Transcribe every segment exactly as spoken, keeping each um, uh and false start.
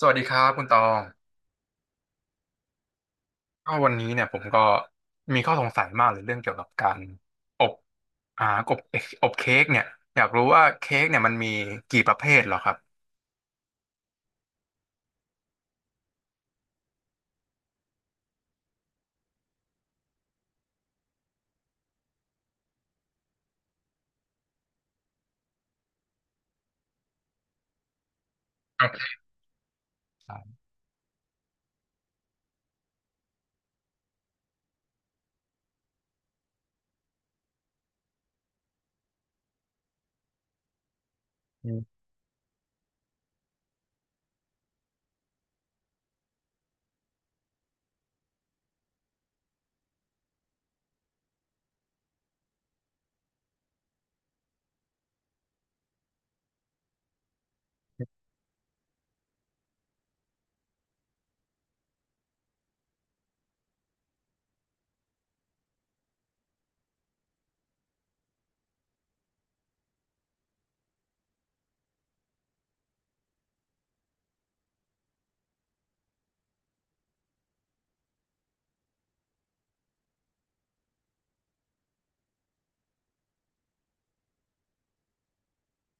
สวัสดีครับคุณตองก็วันนี้เนี่ยผมก็มีข้อสงสัยมากเลยเรื่องเกี่ยวกับการอบอ่าอบอบเค้กเนี่ยอยากรู้ว่าเค้กเนี่ยมันมีกี่ประเภทเหรอครับครับ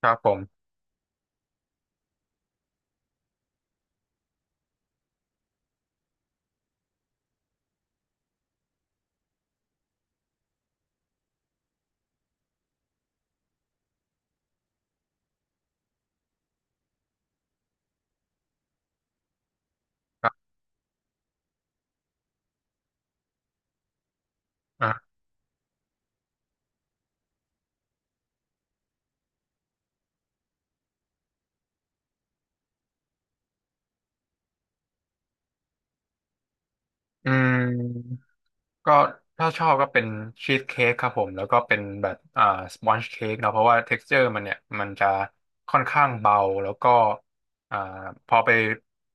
ครับผมครับอ่ะอืม ก็ถ้าชอบก็เป็นชีสเค้กครับผมแล้วก็เป็นแบบอ่าสปอนจ์เค้กเนาะเพราะว่าเท็กซ์เจอร์มันเนี่ยมันจะค่อนข้างเบาแล้วก็อ่าพอไป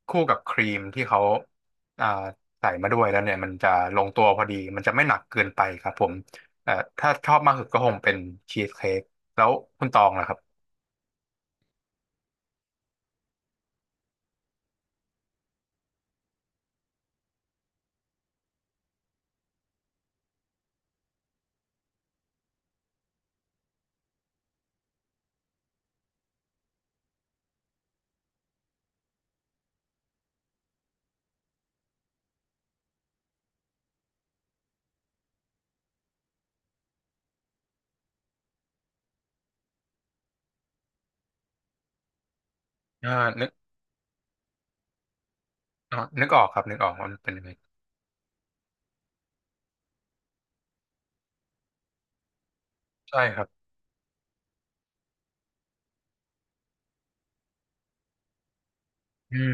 คู่กับครีมที่เขาอ่าใส่มาด้วยแล้วเนี่ยมันจะลงตัวพอดีมันจะไม่หนักเกินไปครับผมแ่อถ้าชอบมากสุดก็คงเป็นชีสเค้กแล้วคุณตองล่ะครับอ่านึกอ๋อนึกออกครับนึกออกว่ามันเป็นยังไงใช่ครับอืม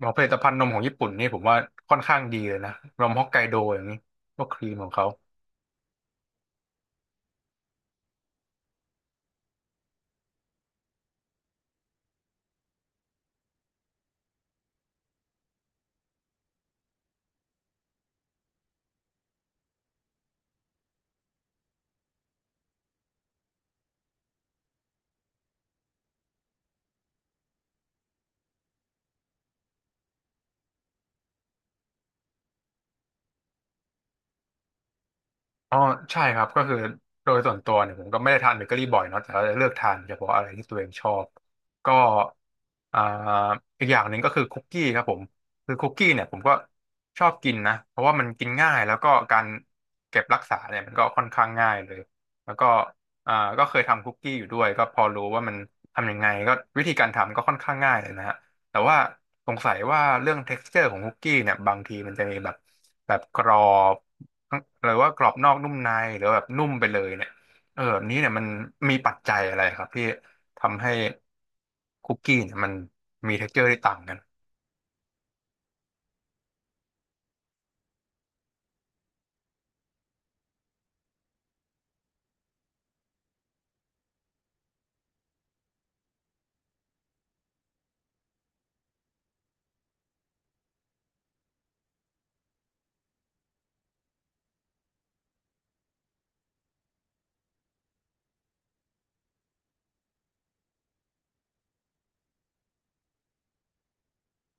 ของผลิตภัณฑ์นมของญี่ปุ่นนี่ผมว่าค่อนข้างดีเลยนะนมฮอกไกโดอย่างนี้พวกครีมของเขา อ๋อใช่ครับก็คือโดยส่วนตัวเนี่ยผมก็ไม่ได้ทานเบเกอรี่บ่อยเนาะแต่ก็จะเลือกทานเฉพาะอะไรที่ตัวเองชอบก็อ่าอีกอย่างหนึ่งก็คือคุกกี้ครับผมคือคุกกี้เนี่ยผมก็ชอบกินนะเพราะว่ามันกินง่ายแล้วก็การเก็บรักษาเนี่ยมันก็ค่อนข้างง่ายเลยแล้วก็อ่าก็เคยทำคุกกี้อยู่ด้วยก็พอรู้ว่ามันทำยังไงก็วิธีการทำก็ค่อนข้างง่ายเลยนะฮะแต่ว่าสงสัยว่าเรื่อง texture ของคุกกี้เนี่ยบางทีมันจะมีแบบแบบกรอบ หรือว่ากรอบนอกนุ่มในหรือแบบนุ่มไปเลยเนี่ยเออแบบนี้เนี่ยมันมีปัจจัยอะไรครับที่ทำให้คุกกี้เนี่ยมันมี texture ที่ต่างกัน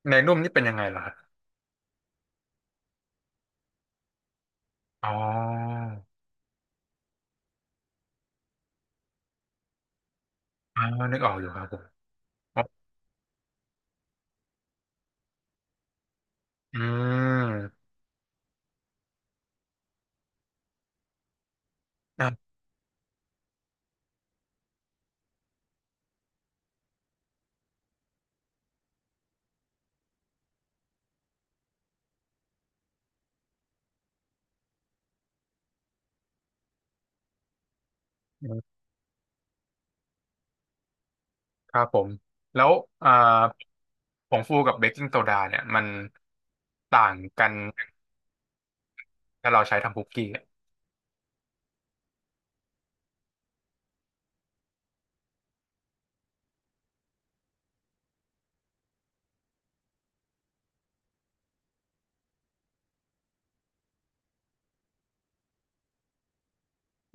เนยนุ่มนี่เป็นยังไงเหรอครับอ๋ออ่านึกออกอยู่ครับผมอ๋ออืมอ่ะครับผมแล้วอ่าผงฟูกับเบกกิ้งโซดาเนี่ยมันต่างกันถ้าเราใช้ทำคุกกี้อะ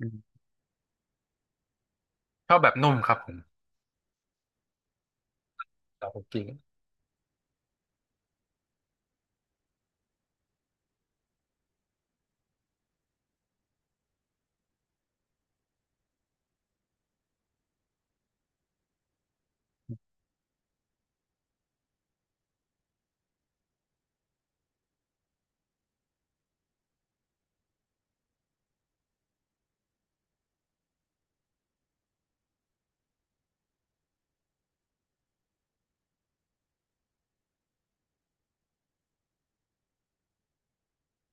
อืมชอบแบบนุ่มครับผมแต่คุกกี้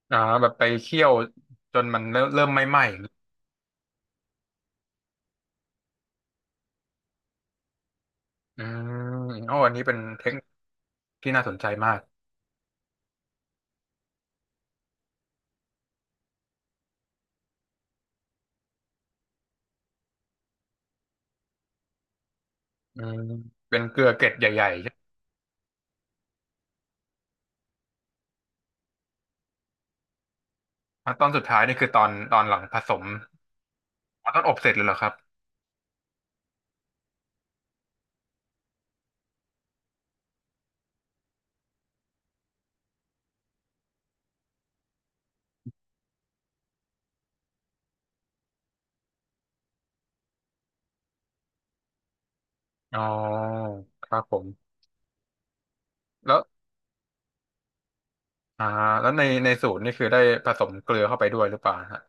อ่าแบบไปเคี่ยวจนมันเริ่มเริ่มไหม้ๆ อืมโอ้อันนี้เป็นเทคนิคที่น่าสนใจมากอืมเป็นเกลือเกล็ดใหญ่ๆใช่ไหมอ่ะตอนสุดท้ายนี่คือตอนตอนหลังผสมอ๋อตอนอบเสร็จเลยเหรอครับอ๋อครับผมแล้วอ่าแล้วในในสูตรนี่คือได้ผสมเกลือเข้าไปด้วยหรือเปล่าฮะ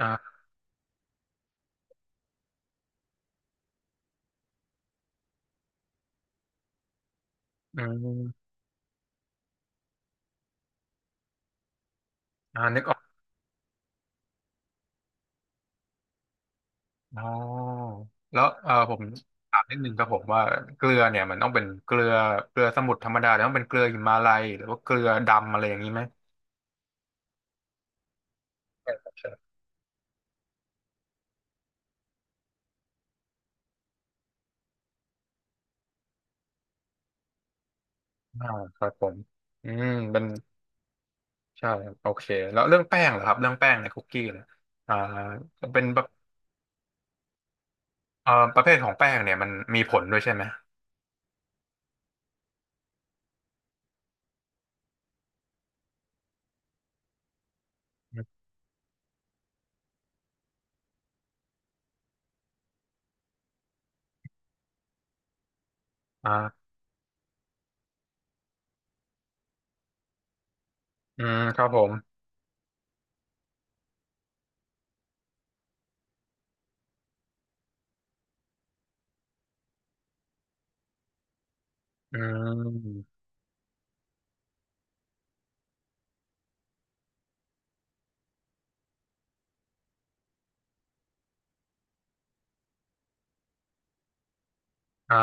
อ่าอืมอ่านึกออกอ๋อแล้วเออผมถามนิดนึงครับผมว่าเกลือเนี่ยมันต้องเป็นเกลือเกลือสมุทรธรรมดาหรือต้องเป็นเกลือหิมาลัยหรือว่าเกลือดำอะไรอย่างนี้ไหมใช่ครับใช่อ่าครับผมอืมเป็น ใช่ครับโอเคแล้วเรื่องแป้งเหรอครับเรื่องแป้งในคุกกี้เนี่ยอ่าเป็นประเอ่อประเภทของแป้งเนี่ยมันมีผลด้วยใช่ไหมอ่าอืมครับผมอืมอ่า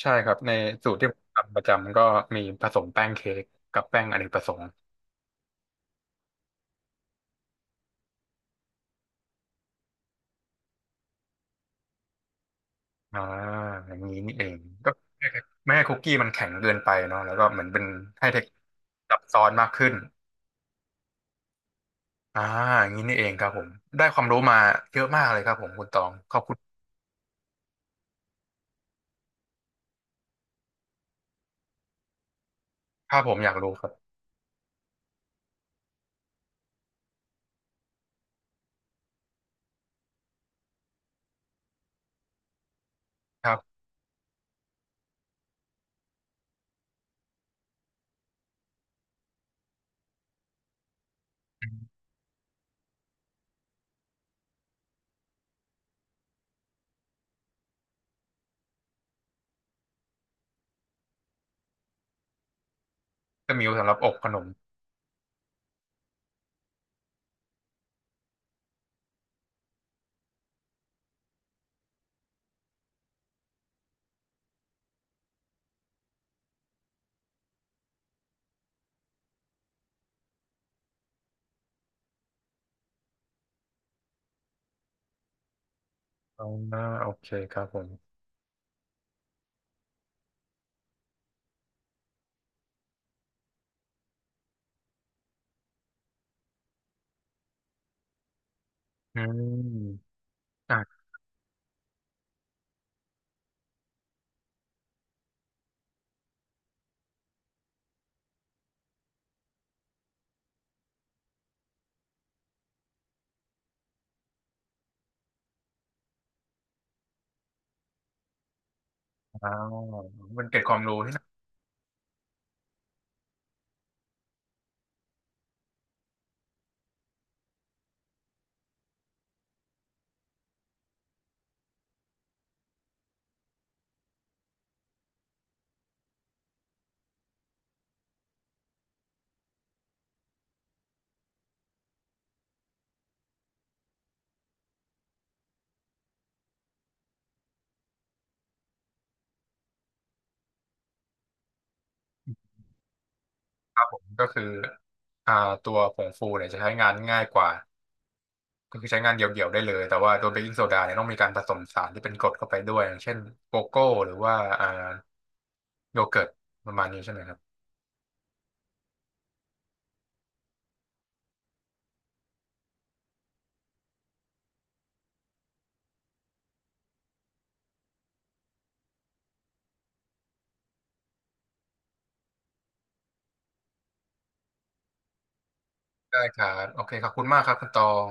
ใช่ครับในสูตรที่ผมทำประจำก็มีผสมแป้งเค้กกับแป้งอเนกประสงค์อ่าอย่างนี้นี่เองก็ไม่ให้คุกกี้มันแข็งเกินไปเนาะแล้วก็เหมือนเป็นให้เทคซับซ้อนมากขึ้นอ่าอย่างนี้นี่เองครับผมได้ความรู้มาเยอะมากเลยครับผมคุณตองขอบคุณถ้าผมอยากรู้ครับครับ ก็มิวสำหรับอกขนมอ๋อโอเคครับผมอืมอ่ามันเกร็ดความรู้ที่นะผมก็คืออ่าตัวผงฟูเนี่ยจะใช้งานง่ายกว่า ก็คือใช้งานเดี่ยวๆได้เลย แต่ว่าตัวเบกกิ้งโซดาเนี่ยต้องมีการผสมสารที่เป็นกรดเข้าไปด้วยอย่างเช่นโกโก้หรือว่าอ่าโยเกิร์ตประมาณนี้ใช่ไหมครับ ได้ครับโอเคขอบคุณมากครับคุณตอง